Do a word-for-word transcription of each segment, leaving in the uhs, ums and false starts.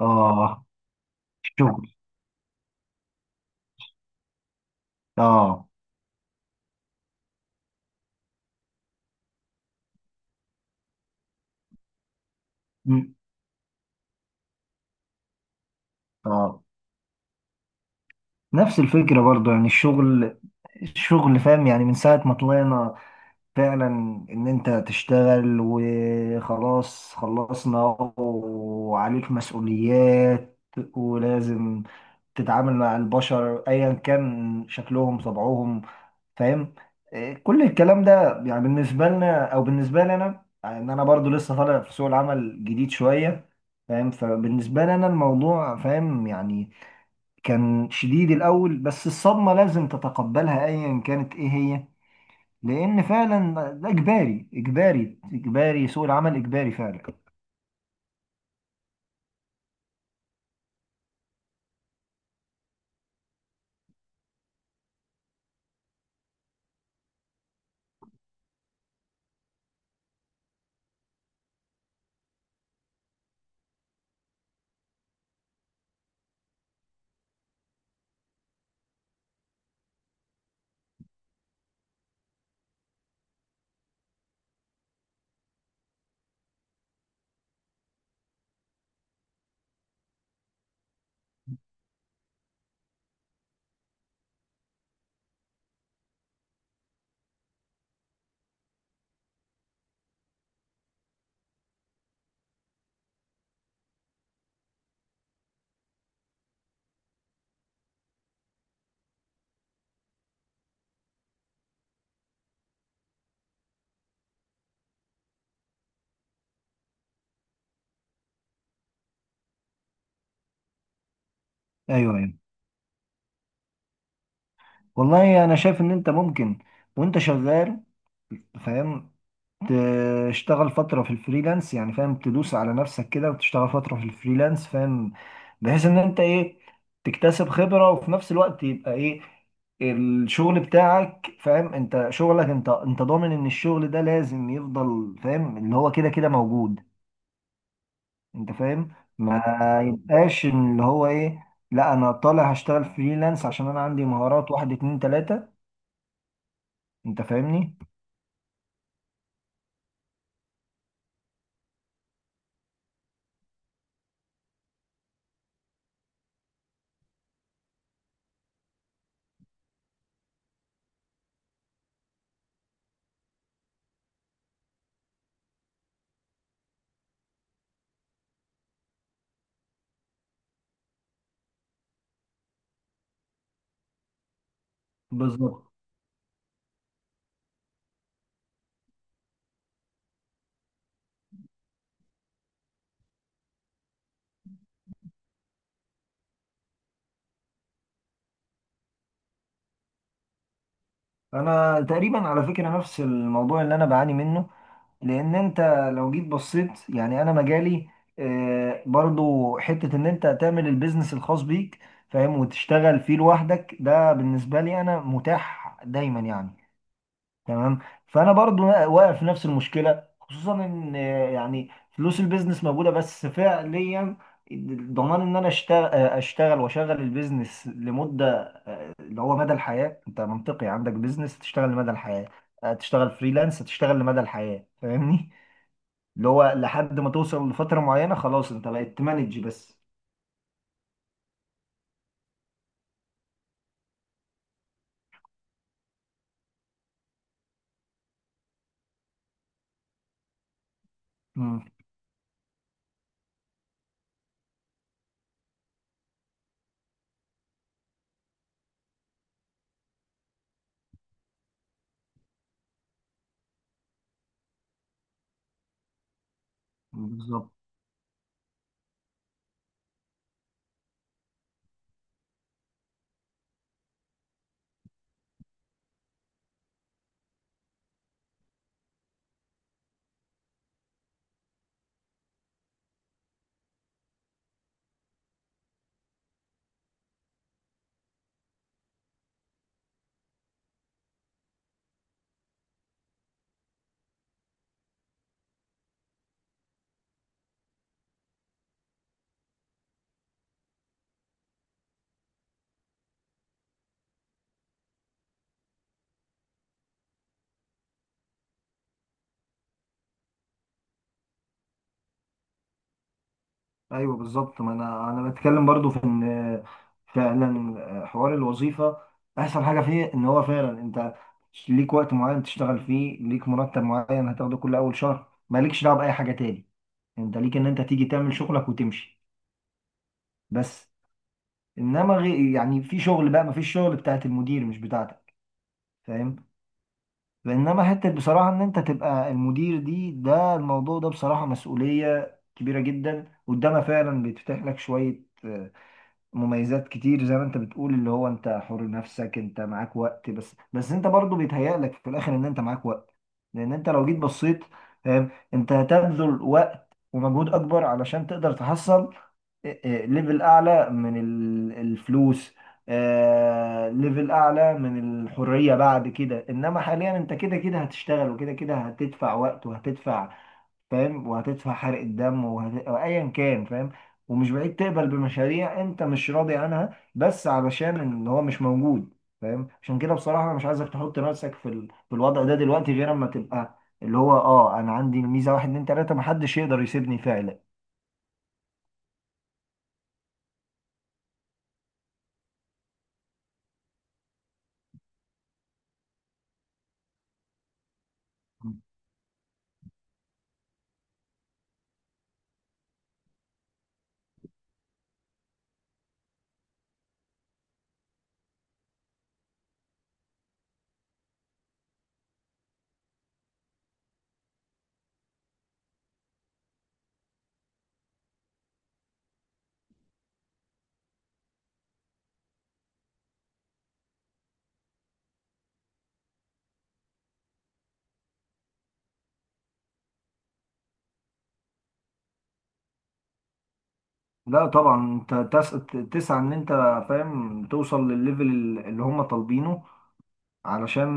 اه. الشغل. اه. مم. اه. نفس الفكرة برضو، يعني الشغل الشغل فاهم؟ يعني من ساعة ما طلعنا فعلا ان انت تشتغل وخلاص، خلصنا. وعليك مسؤوليات، ولازم تتعامل مع البشر ايا كان شكلهم طبعهم، فاهم؟ إيه، كل الكلام ده، يعني بالنسبه لنا او بالنسبه لي انا، ان انا برضو لسه طالع في سوق العمل جديد شويه، فاهم؟ فبالنسبه لي انا الموضوع فاهم، يعني كان شديد الاول، بس الصدمه لازم تتقبلها ايا كانت ايه هي، لان فعلا ده اجباري اجباري اجباري، سوق العمل اجباري فعلا. ايوه، ايوه. والله انا شايف ان انت ممكن، وانت شغال، فاهم؟ تشتغل فترة في الفريلانس، يعني فاهم؟ تدوس على نفسك كده وتشتغل فترة في الفريلانس، فاهم؟ بحيث ان انت ايه، تكتسب خبرة، وفي نفس الوقت يبقى ايه، الشغل بتاعك، فاهم؟ انت شغلك، انت انت ضامن ان الشغل ده لازم يفضل، فاهم؟ اللي هو كده كده موجود، انت فاهم؟ ما يبقاش إن اللي هو ايه، لا انا طالع هشتغل فريلانس عشان انا عندي مهارات واحد اتنين تلاتة، انت فاهمني؟ بالظبط. انا تقريبا على فكرة نفس الموضوع اللي انا بعاني منه، لان انت لو جيت بصيت، يعني انا مجالي آه، برضو حتة ان انت تعمل البيزنس الخاص بيك، فاهم؟ وتشتغل فيه لوحدك، ده بالنسبة لي انا متاح دايما يعني. تمام. فانا برضو واقع في نفس المشكلة، خصوصا ان آه، يعني فلوس البيزنس موجودة، بس فعليا ضمان ان انا اشتغل اشتغل واشغل البيزنس لمدة، اللي هو مدى الحياة، انت منطقي عندك بيزنس تشتغل لمدى الحياة، آه، تشتغل فريلانس تشتغل لمدى الحياة، فاهمني؟ اللي هو لحد ما توصل لفترة معينة خلاص، انت بقيت تمانج بس. امم. بالظبط. ايوه، بالظبط، ما انا انا بتكلم برضو في ان آه، فعلا آه، حوار الوظيفة، احسن حاجة فيه ان هو فعلا انت ليك وقت معين تشتغل فيه، ليك مرتب معين هتاخده كل اول شهر، مالكش دعوة بأي حاجة تاني، انت ليك ان انت تيجي تعمل شغلك وتمشي بس. انما غي... يعني في شغل بقى، ما فيش شغل، بتاعت المدير مش بتاعتك، فاهم؟ انما حته بصراحه ان انت تبقى المدير دي، ده الموضوع ده بصراحه مسؤوليه كبيره جدا، قدامها فعلا بيتفتح لك شويه آه، مميزات كتير، زي ما انت بتقول، اللي هو انت حر نفسك، انت معاك وقت، بس بس انت برضه بيتهيألك في الاخر ان انت معاك وقت، لان انت لو جيت بصيت، فاهم؟ انت هتبذل وقت ومجهود اكبر علشان تقدر تحصل اه، اه، ليفل اعلى من ال- الفلوس اه، ليفل اعلى من الحرية بعد كده، انما حاليا انت كده كده هتشتغل، وكده كده هتدفع وقت، وهتدفع، فاهم؟ وهتدفع حرق الدم، وهت... أو ايا كان، فاهم؟ ومش بعيد تقبل بمشاريع انت مش راضي عنها، بس علشان ان هو مش موجود، فاهم؟ عشان كده بصراحة انا مش عايزك تحط نفسك في ال... في الوضع ده دلوقتي، غير اما تبقى اللي هو اه انا عندي ميزة واحد اتنين تلاتة، محدش يقدر يسيبني فعلا. لا طبعا انت تس... تسعى ان انت فاهم توصل للليفل اللي هم طالبينه، علشان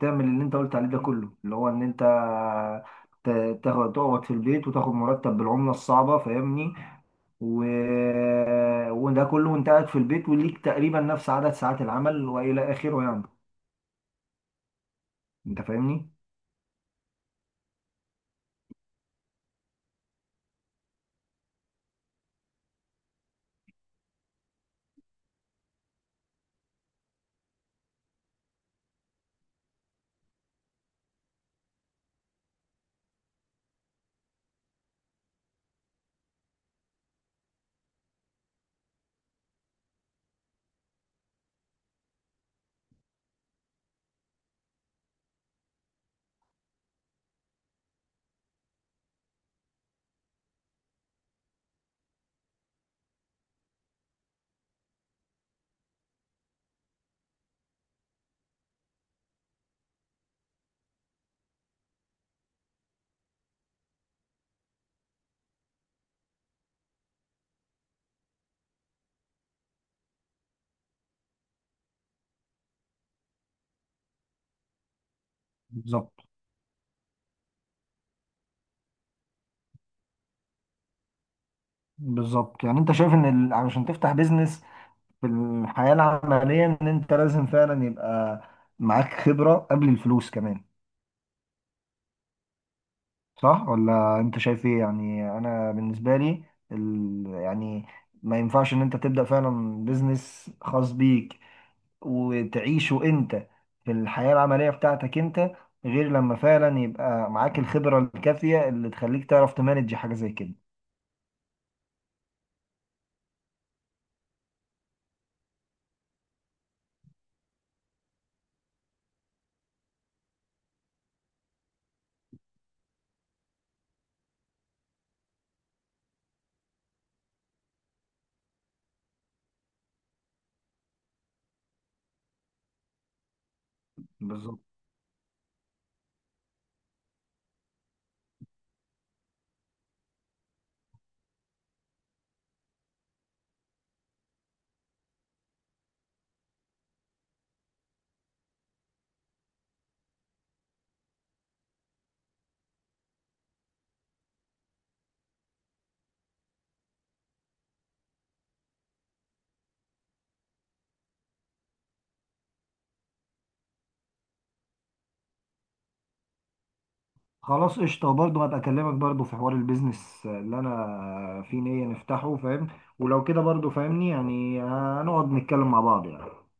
تعمل اللي انت قلت عليه ده كله، اللي هو ان انت ت- تاخد تقعد في البيت وتاخد مرتب بالعملة الصعبة، فاهمني؟ و... وده كله وانت قاعد في البيت، وليك تقريبا نفس عدد ساعات العمل والى اخره، يعني انت فاهمني؟ بالظبط. بالظبط، يعني انت شايف ان ال... علشان تفتح بيزنس في الحياة العملية، ان انت لازم فعلا يبقى معاك خبرة قبل الفلوس كمان، صح؟ ولا انت شايف ايه؟ يعني انا بالنسبه لي ال... يعني ما ينفعش ان انت تبدا فعلا بيزنس خاص بيك، وتعيشه انت في الحياه العمليه بتاعتك انت، غير لما فعلا يبقى معاك الخبره الكافيه اللي تخليك تعرف تمانج حاجه زي كده. بالظبط. خلاص قشطه، وبرضه هبقى اكلمك برضه في حوار البيزنس اللي انا في نيه نفتحه، فاهم؟ ولو كده برضه فاهمني، يعني هنقعد نتكلم مع بعض يعني